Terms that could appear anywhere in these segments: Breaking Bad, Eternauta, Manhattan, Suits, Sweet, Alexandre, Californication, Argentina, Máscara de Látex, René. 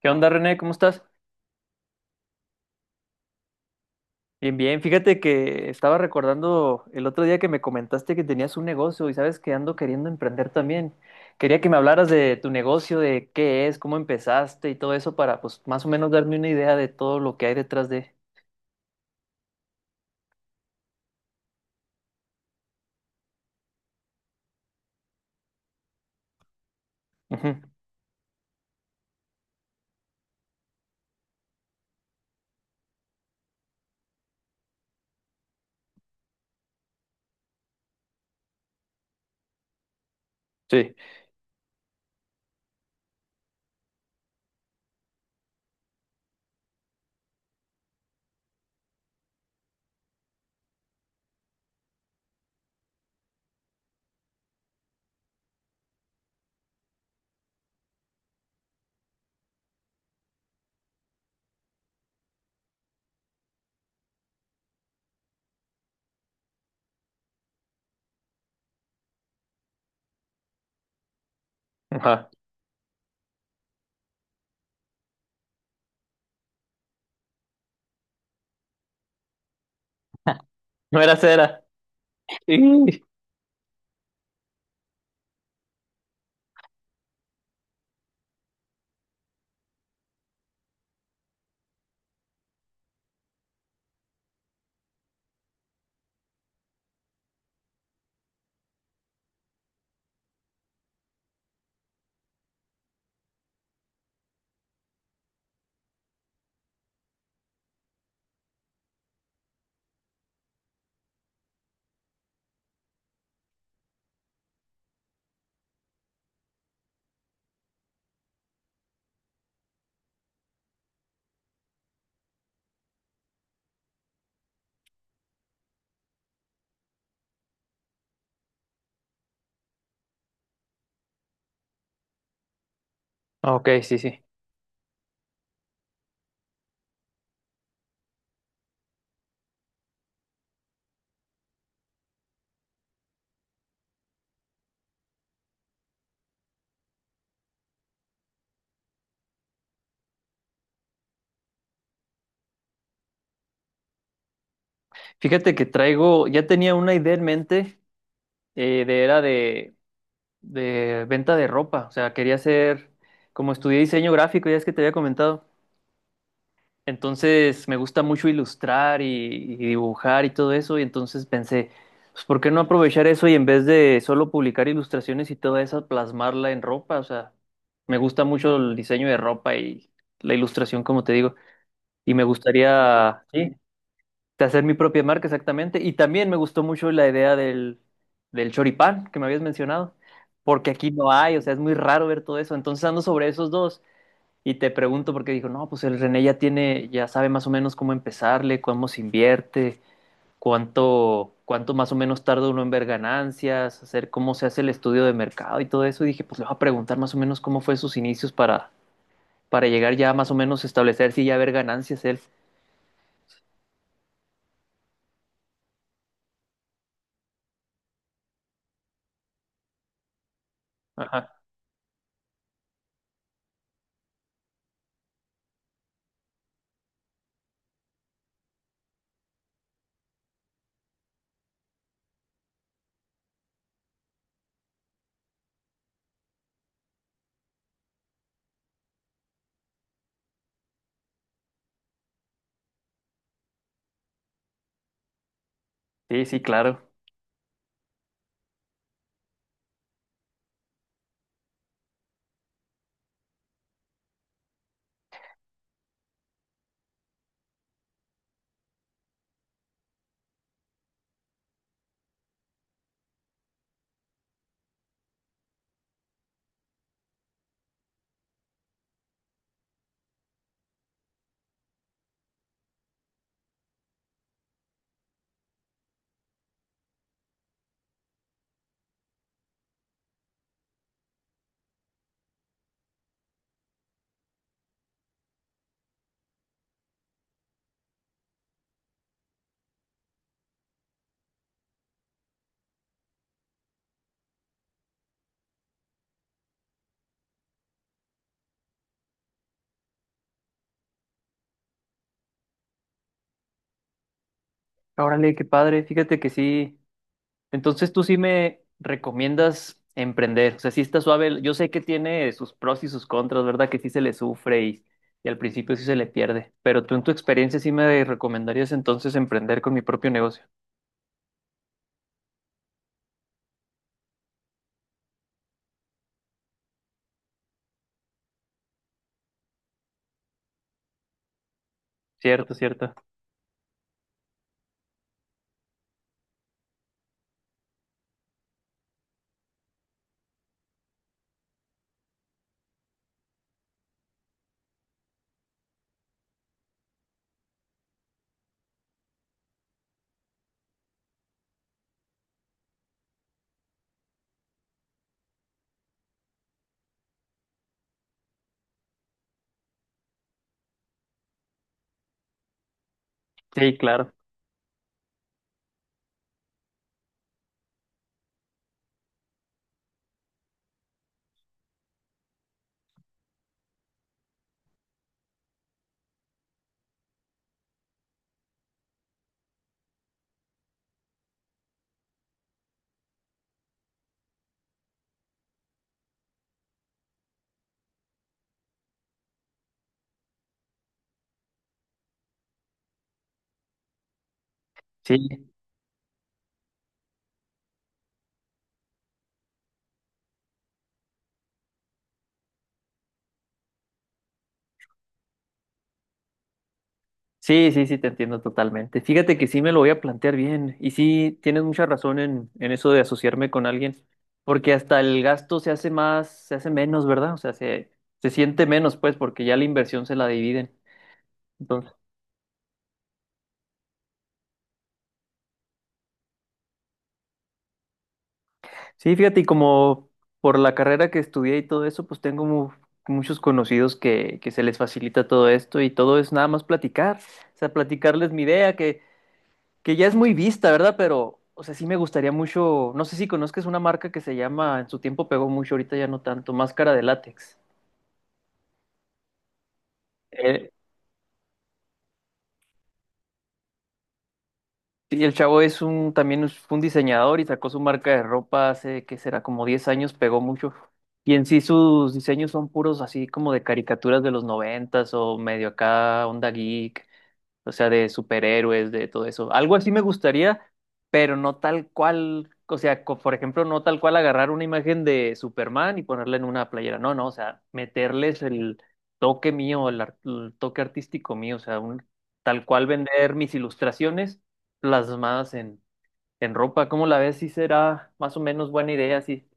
¿Qué onda, René? ¿Cómo estás? Bien, bien. Fíjate que estaba recordando el otro día que me comentaste que tenías un negocio y sabes que ando queriendo emprender también. Quería que me hablaras de tu negocio, de qué es, cómo empezaste y todo eso para, pues, más o menos darme una idea de todo lo que hay detrás de. Ujú. Sí. Ajá. No era cera. Sí. Ah, ok, sí, sí. Fíjate que traigo, ya tenía una idea en mente de era de venta de ropa. O sea, quería hacer, como estudié diseño gráfico, ya es que te había comentado. Entonces me gusta mucho ilustrar y dibujar y todo eso, y entonces pensé, pues ¿por qué no aprovechar eso y en vez de solo publicar ilustraciones y toda esa plasmarla en ropa? O sea, me gusta mucho el diseño de ropa y la ilustración, como te digo, y me gustaría, sí, de hacer mi propia marca exactamente, y también me gustó mucho la idea del, del choripán que me habías mencionado, porque aquí no hay, o sea, es muy raro ver todo eso, entonces ando sobre esos dos. Y te pregunto porque dijo, no, pues el René ya tiene, ya sabe más o menos cómo empezarle, cómo se invierte, cuánto, cuánto más o menos tarda uno en ver ganancias, hacer cómo se hace el estudio de mercado y todo eso. Y dije, pues le voy a preguntar más o menos cómo fue sus inicios para llegar ya más o menos a establecer si ya ver ganancias él. Ajá. Sí, sí, claro. Órale, qué padre. Fíjate que sí, entonces tú sí me recomiendas emprender, o sea, sí está suave, yo sé que tiene sus pros y sus contras, ¿verdad? Que sí se le sufre y al principio sí se le pierde, pero tú en tu experiencia sí me recomendarías entonces emprender con mi propio negocio. Cierto, cierto. Sí, claro. Sí, sí, sí, sí, te entiendo totalmente. Fíjate que sí me lo voy a plantear bien y sí tienes mucha razón en eso de asociarme con alguien, porque hasta el gasto se hace más, se hace menos, ¿verdad? O sea, se siente menos, pues, porque ya la inversión se la dividen. Sí, fíjate, y como por la carrera que estudié y todo eso, pues tengo mu- muchos conocidos que se les facilita todo esto y todo es nada más platicar, o sea, platicarles mi idea, que ya es muy vista, ¿verdad? Pero, o sea, sí me gustaría mucho, no sé si conozcas una marca que se llama, en su tiempo pegó mucho, ahorita ya no tanto, Máscara de Látex. Eh, Sí, el chavo es un, también es- fue un diseñador y sacó su marca de ropa hace, ¿qué será? Como 10 años, pegó mucho. Y en sí sus diseños son puros así como de caricaturas de los noventas o medio acá, onda geek, o sea, de superhéroes, de todo eso. Algo así me gustaría, pero no tal cual, o sea, co- por ejemplo, no tal cual agarrar una imagen de Superman y ponerla en una playera. No, no, o sea, meterles el toque mío, el, ar- el toque artístico mío, o sea, un, tal cual vender mis ilustraciones plasmadas en ropa. ¿Cómo la ves? Sí será más o menos buena idea, sí.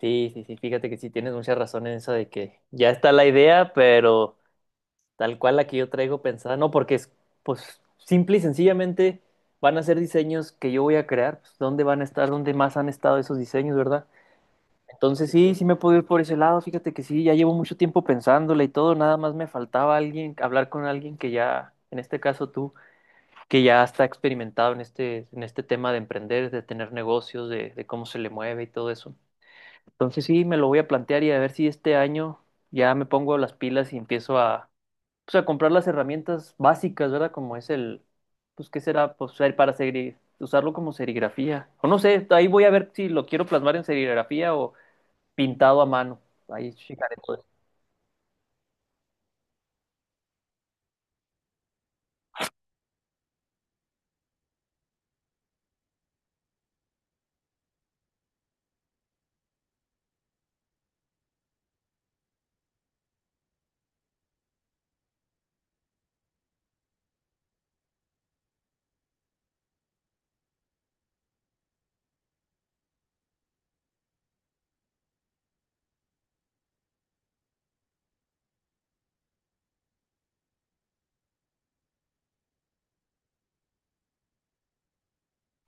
Sí, sí, sí, fíjate que sí tienes mucha razón en eso de que ya está la idea, pero tal cual la que yo traigo pensada, no, porque es, pues, simple y sencillamente van a ser diseños que yo voy a crear, pues, ¿dónde van a estar? ¿Dónde más han estado esos diseños, verdad? Entonces sí, sí me puedo ir por ese lado, fíjate que sí, ya llevo mucho tiempo pensándola y todo, nada más me faltaba alguien, hablar con alguien que ya, en este caso tú que ya está experimentado en este tema de emprender, de tener negocios, de cómo se le mueve y todo eso. Entonces sí, me lo voy a plantear y a ver si este año ya me pongo las pilas y empiezo a, pues, a comprar las herramientas básicas, ¿verdad? Como es el, pues, ¿qué será? Pues ser para segri- usarlo como serigrafía. O no sé, ahí voy a ver si lo quiero plasmar en serigrafía o pintado a mano. Ahí checaré todo eso.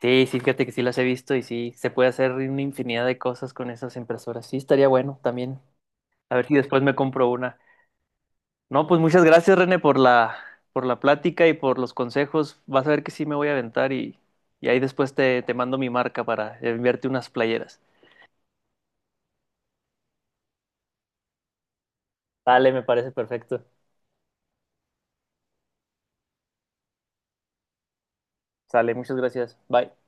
Sí, sí, fíjate que sí las he visto y sí, se puede hacer una infinidad de cosas con esas impresoras. Sí, estaría bueno también. A ver si después me compro una. No, pues muchas gracias, René, por la plática y por los consejos. Vas a ver que sí me voy a aventar y ahí después te, te mando mi marca para enviarte unas playeras. Sale, me parece perfecto. Sale, muchas gracias. Bye.